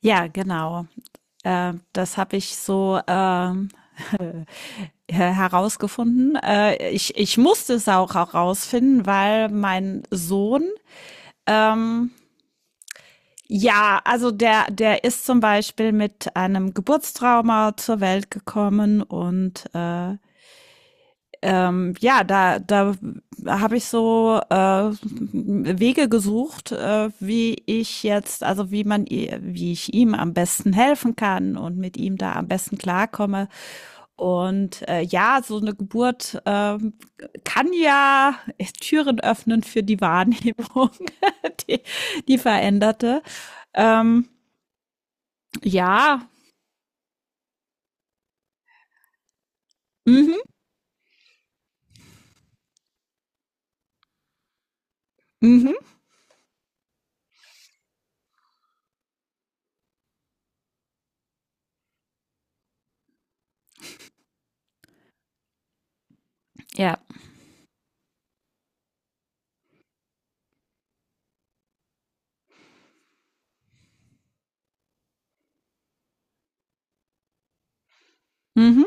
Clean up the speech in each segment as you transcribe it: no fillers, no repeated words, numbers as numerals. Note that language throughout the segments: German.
Ja, genau. Das habe ich so herausgefunden. Ich musste es auch herausfinden, weil mein Sohn, ähm, ja, also der ist zum Beispiel mit einem Geburtstrauma zur Welt gekommen und ja, da habe ich so Wege gesucht, wie ich jetzt, also wie man, wie ich ihm am besten helfen kann und mit ihm da am besten klarkomme. Und ja, so eine Geburt kann ja Türen öffnen für die Wahrnehmung, die, die veränderte. Ähm, ja, mhm, mhm, ja, mhm,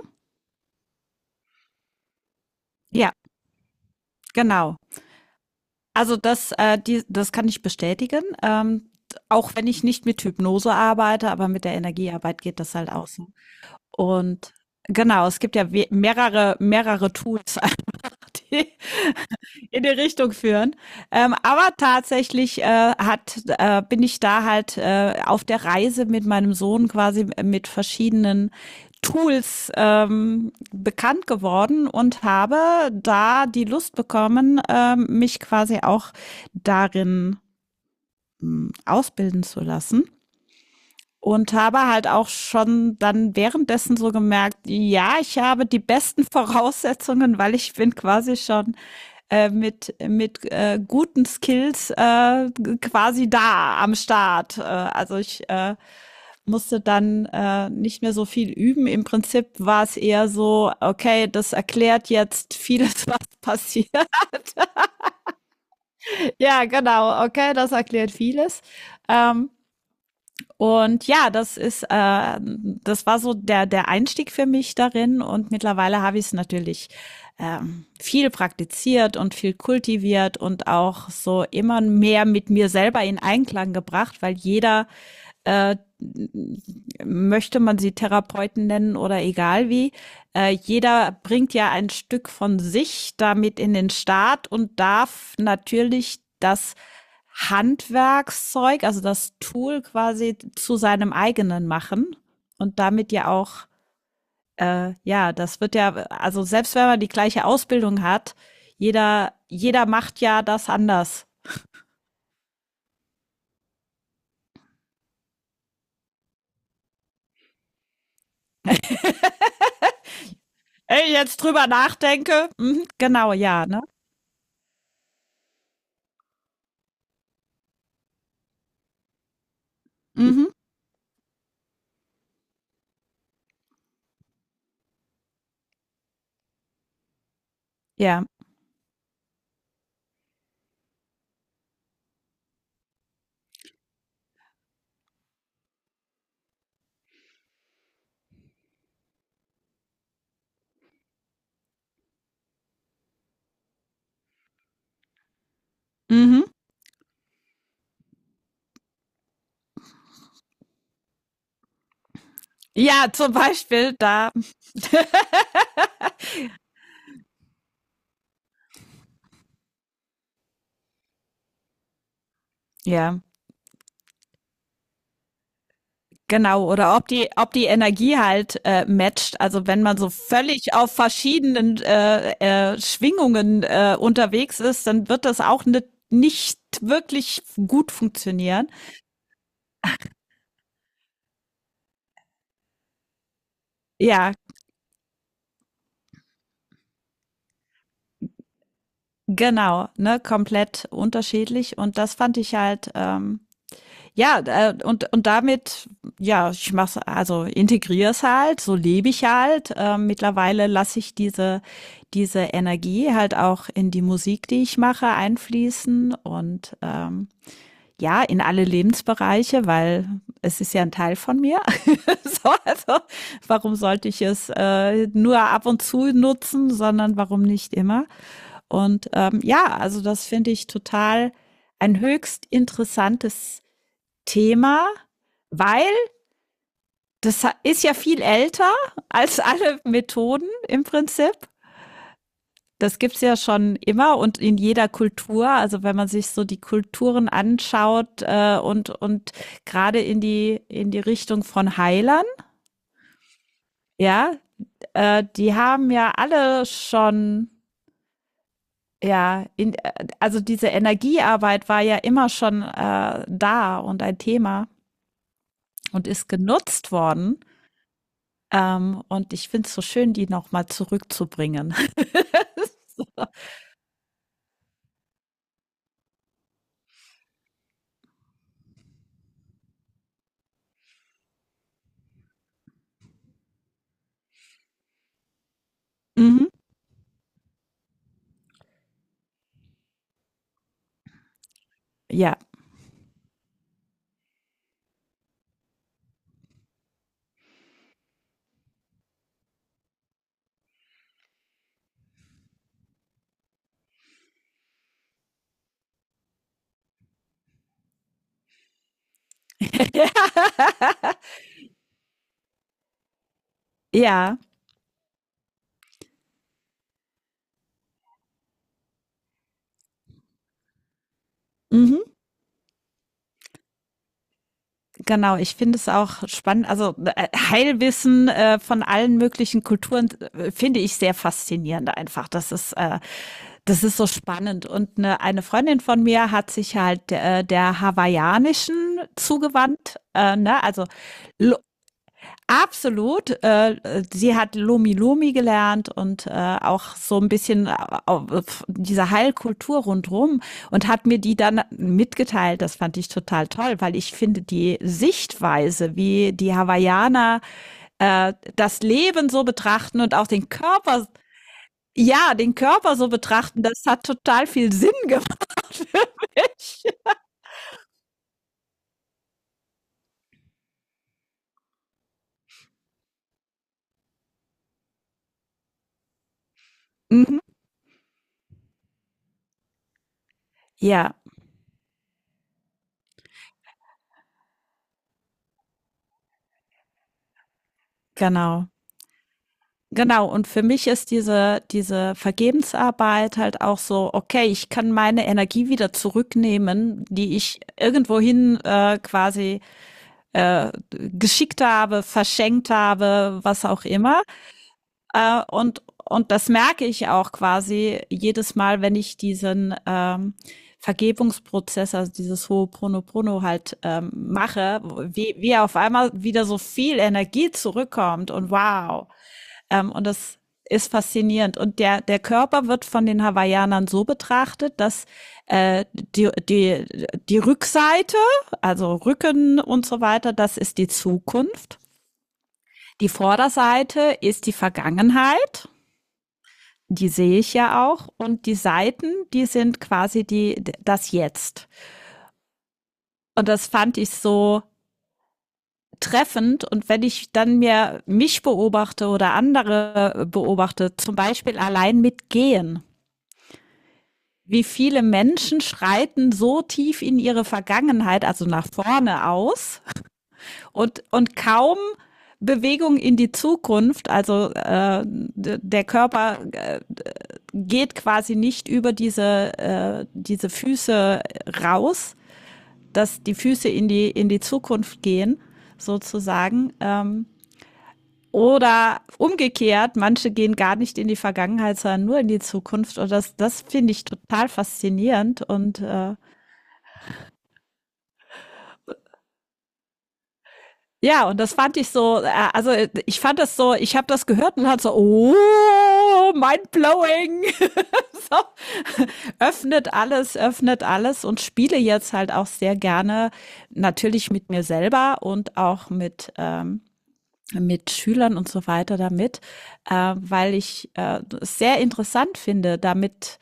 ja, genau. Also das kann ich bestätigen. Auch wenn ich nicht mit Hypnose arbeite, aber mit der Energiearbeit geht das halt auch so. Und genau, es gibt ja mehrere Tools, die in die Richtung führen. Aber tatsächlich bin ich da halt auf der Reise mit meinem Sohn quasi mit verschiedenen Tools bekannt geworden und habe da die Lust bekommen, mich quasi auch darin ausbilden zu lassen. Und habe halt auch schon dann währenddessen so gemerkt, ja, ich habe die besten Voraussetzungen, weil ich bin quasi schon mit guten Skills quasi da am Start. Also ich musste dann nicht mehr so viel üben. Im Prinzip war es eher so, okay, das erklärt jetzt vieles, was passiert. Ja, genau, okay, das erklärt vieles. Ähm, Und ja, das war so der Einstieg für mich darin. Und mittlerweile habe ich es natürlich viel praktiziert und viel kultiviert und auch so immer mehr mit mir selber in Einklang gebracht, weil jeder äh, möchte man sie Therapeuten nennen oder egal wie, jeder bringt ja ein Stück von sich damit in den Staat und darf natürlich das Handwerkszeug, also das Tool quasi zu seinem eigenen machen und damit ja auch, also selbst wenn man die gleiche Ausbildung hat, jeder macht ja das anders. Wenn ich jetzt drüber nachdenke, mhm, genau, ja, ne? Mhm, ja. Mhm. Ja, zum Beispiel da, ja, genau. Oder ob die Energie halt matcht. Also wenn man so völlig auf verschiedenen Schwingungen unterwegs ist, dann wird das auch ne, nicht wirklich gut funktionieren. Ja, genau, ne, komplett unterschiedlich. Und das fand ich halt und damit, ja, ich mach's, also integriere es halt, so lebe ich halt. Mittlerweile lasse ich diese Energie halt auch in die Musik, die ich mache, einfließen und ja, in alle Lebensbereiche, weil es ist ja ein Teil von mir. So, also warum sollte ich es nur ab und zu nutzen, sondern warum nicht immer? Und ja, also das finde ich total ein höchst interessantes Thema, weil das ist ja viel älter als alle Methoden im Prinzip. Das gibt's ja schon immer und in jeder Kultur. Also wenn man sich so die Kulturen anschaut und gerade in die Richtung von Heilern, ja, die haben ja alle schon, ja, also diese Energiearbeit war ja immer schon da und ein Thema und ist genutzt worden. Und ich finde es so schön, die nochmal zurückzubringen. So. Mhm. Ja. Ja. Mhm, genau, ich finde es auch spannend. Also Heilwissen von allen möglichen Kulturen finde ich sehr faszinierend einfach. Das ist so spannend. Und eine Freundin von mir hat sich halt der hawaiianischen zugewandt, ne? Also L absolut. Sie hat Lomi Lomi gelernt und auch so ein bisschen diese Heilkultur rundherum und hat mir die dann mitgeteilt. Das fand ich total toll, weil ich finde die Sichtweise, wie die Hawaiianer das Leben so betrachten und auch den Körper, ja, den Körper so betrachten, das hat total viel Sinn gemacht. Ja, genau. Genau, und für mich ist diese Vergebensarbeit halt auch so, okay, ich kann meine Energie wieder zurücknehmen, die ich irgendwohin quasi geschickt habe, verschenkt habe, was auch immer. Und das merke ich auch quasi jedes Mal, wenn ich diesen Vergebungsprozess, also dieses Ho'oponopono halt mache, wie auf einmal wieder so viel Energie zurückkommt und wow. Und das ist faszinierend. Und der Körper wird von den Hawaiianern so betrachtet, dass äh, die, die, die Rückseite, also Rücken und so weiter, das ist die Zukunft. Die Vorderseite ist die Vergangenheit, die sehe ich ja auch. Und die Seiten, die sind quasi die, das Jetzt. Und das fand ich so treffend. Und wenn ich dann mir mich beobachte oder andere beobachte, zum Beispiel allein mit Gehen, wie viele Menschen schreiten so tief in ihre Vergangenheit, also nach vorne aus und kaum Bewegung in die Zukunft. Also der Körper geht quasi nicht über diese Füße raus, dass die Füße in die Zukunft gehen, sozusagen. Oder umgekehrt, manche gehen gar nicht in die Vergangenheit, sondern nur in die Zukunft. Und das finde ich total faszinierend. Und das fand ich so, ich fand das so, ich habe das gehört und hat so, oh, mind blowing. Laptop, öffnet alles und spiele jetzt halt auch sehr gerne natürlich mit mir selber und auch mit Schülern und so weiter damit, weil ich es sehr interessant finde, damit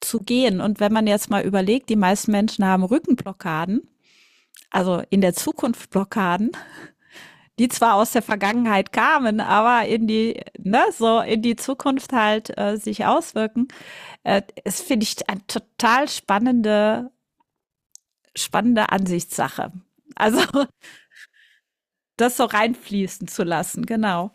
zu gehen. Und wenn man jetzt mal überlegt, die meisten Menschen haben Rückenblockaden, also in der Zukunft Blockaden, die zwar aus der Vergangenheit kamen, aber in die, ne, so in die Zukunft halt sich auswirken. Es finde ich eine total spannende Ansichtssache. Also das so reinfließen zu lassen, genau.